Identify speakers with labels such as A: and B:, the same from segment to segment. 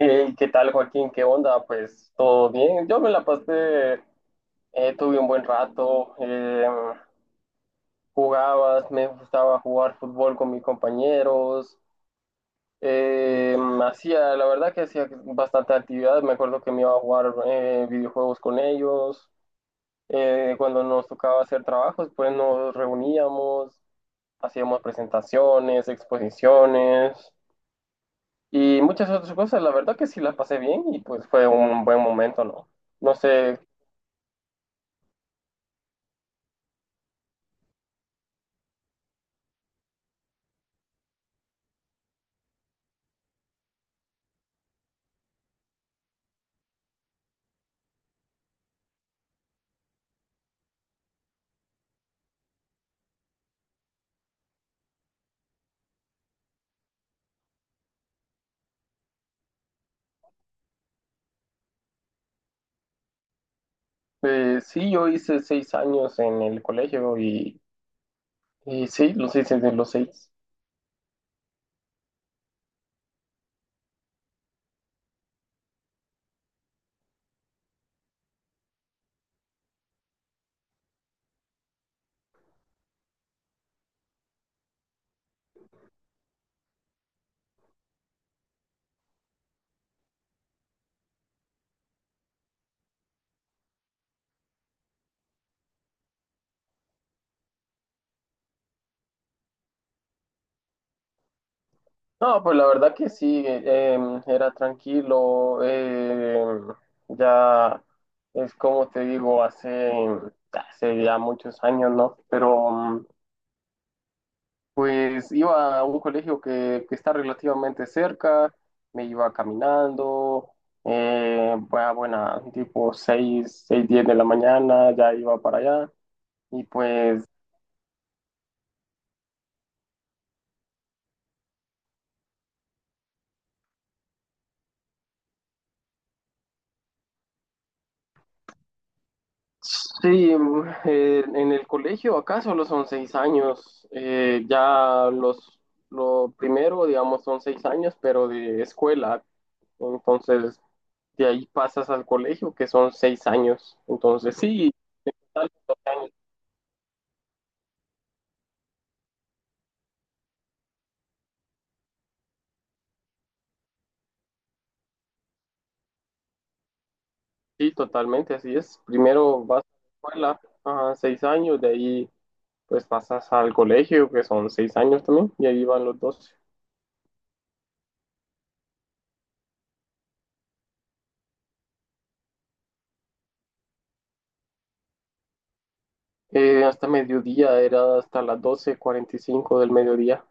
A: Hey, ¿qué tal, Joaquín? ¿Qué onda? Pues todo bien. Yo me la pasé, tuve un buen rato, jugaba, me gustaba jugar fútbol con mis compañeros, eh, hacía, la verdad que hacía bastante actividad. Me acuerdo que me iba a jugar videojuegos con ellos. Cuando nos tocaba hacer trabajos, pues nos reuníamos, hacíamos presentaciones, exposiciones. Y muchas otras cosas, la verdad que sí la pasé bien y pues fue un buen momento, ¿no? No sé, sí, yo hice 6 años en el colegio y sí, los hice de los seis. No, pues la verdad que sí, era tranquilo, ya es como te digo, hace ya muchos años, ¿no? Pero pues iba a un colegio que está relativamente cerca, me iba caminando, bueno, buena, tipo 6:10 de la mañana, ya iba para allá. Y pues sí, en el colegio acá solo son 6 años, ya lo primero, digamos, son 6 años, pero de escuela. Entonces, de ahí pasas al colegio, que son 6 años. Entonces, sí, sí, totalmente, así es. Primero vas a la escuela, ajá, 6 años, de ahí pues pasas al colegio, que son seis años también, y ahí van los 12. Hasta mediodía, era hasta las 12:45 del mediodía.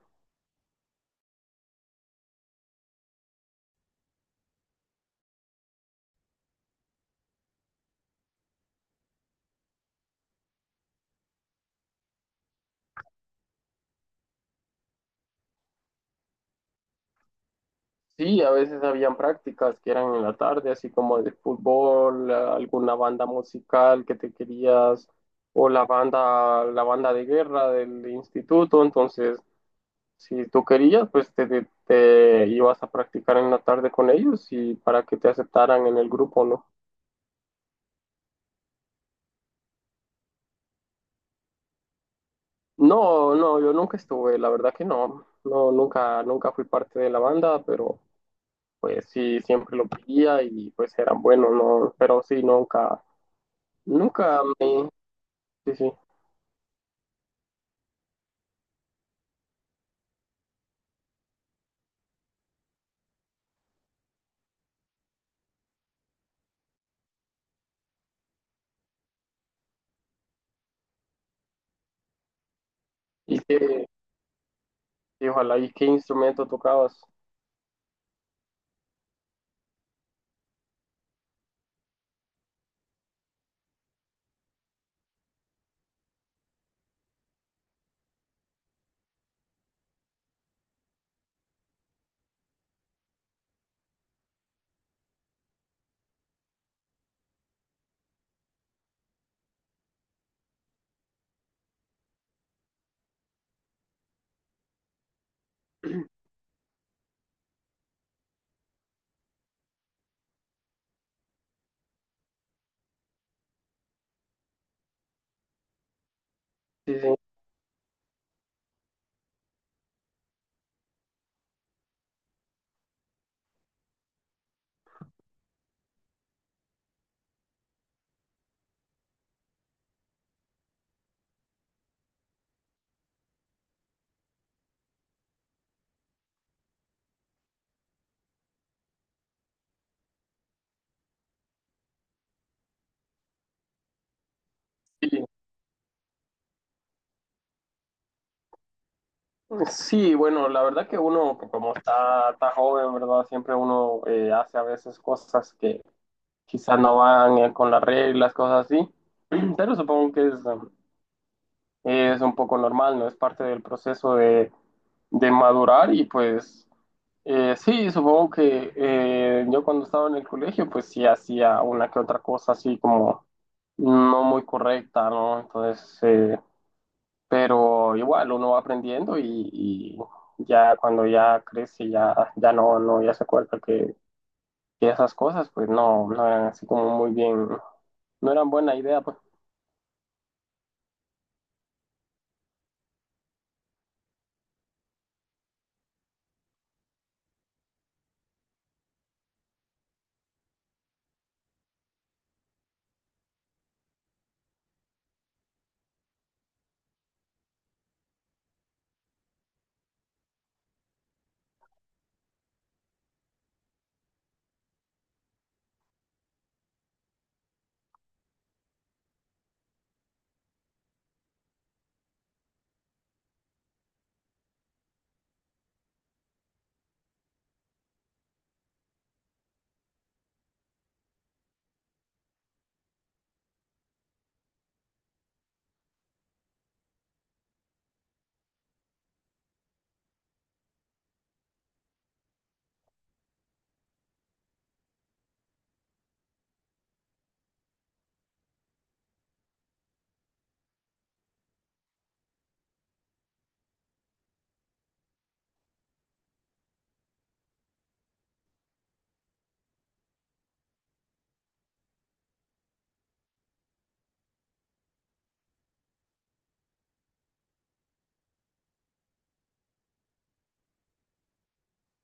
A: Sí, a veces habían prácticas que eran en la tarde, así como de fútbol, alguna banda musical que te querías, o la banda de guerra del instituto, entonces si tú querías, pues te ibas a practicar en la tarde con ellos y para que te aceptaran en el grupo, ¿no? No, no, yo nunca estuve, la verdad que no, no, nunca fui parte de la banda, pero pues sí, siempre lo pedía y pues eran buenos, ¿no? Pero sí, nunca me, sí, sí. Y que, y ojalá, ¿y qué instrumento tocabas? Sí, sí. Sí, sí, bueno, la verdad que uno, como está joven, ¿verdad? Siempre uno hace a veces cosas que quizás no van con las reglas, cosas así, pero supongo que es un poco normal, ¿no? Es parte del proceso de madurar y pues sí, supongo que yo cuando estaba en el colegio pues sí hacía una que otra cosa así como no muy correcta, ¿no? Entonces, pero igual uno va aprendiendo y ya cuando ya crece ya no, no, ya se acuerda que esas cosas pues no, no eran así como muy bien, no eran buena idea pues.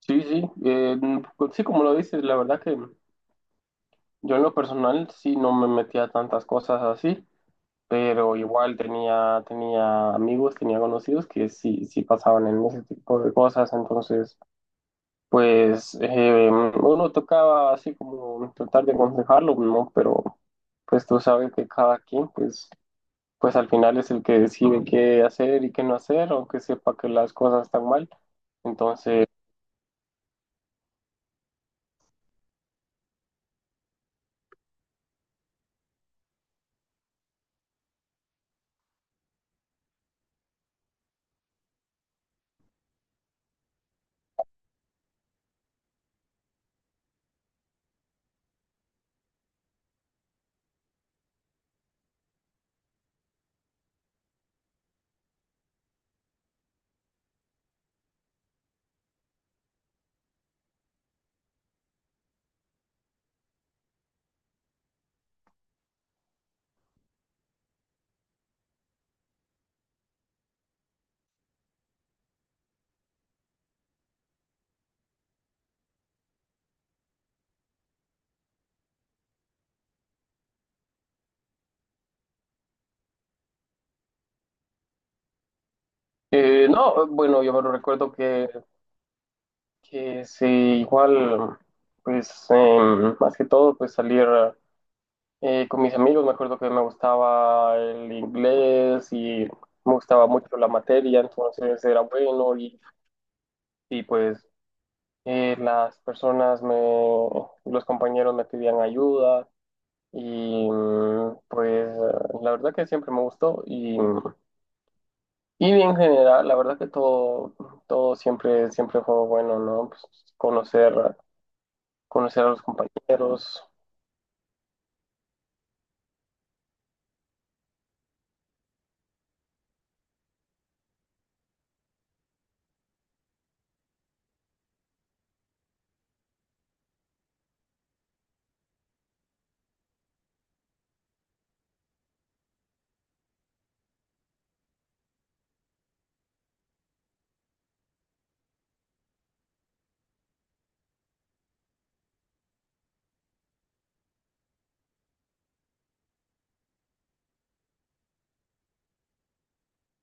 A: Sí, sí, pues sí, como lo dices, la verdad que yo en lo personal sí no me metía a tantas cosas así, pero igual tenía amigos, tenía conocidos que sí pasaban en ese tipo de cosas, entonces pues uno tocaba así como tratar de aconsejarlo, ¿no? Pero pues tú sabes que cada quien pues al final es el que decide qué hacer y qué no hacer, aunque sepa que las cosas están mal, entonces... No, bueno, yo me recuerdo que sí, igual, pues más que todo, pues salir con mis amigos. Me acuerdo que me gustaba el inglés y me gustaba mucho la materia, entonces era bueno y pues las personas, me, los compañeros me pedían ayuda y pues la verdad que siempre me gustó y en general, la verdad que todo siempre fue bueno, ¿no? Pues conocer. conocer a los compañeros.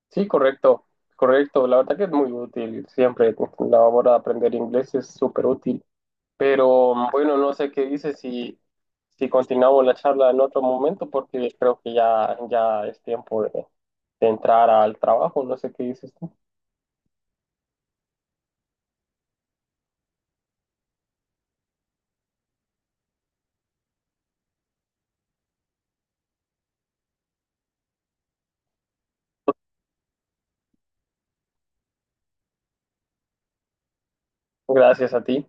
A: Sí, correcto, correcto. La verdad que es muy útil siempre. La hora de aprender inglés es súper útil. Pero bueno, no sé qué dices si continuamos la charla en otro momento porque creo que ya es tiempo de entrar al trabajo. No sé qué dices tú. Gracias a ti.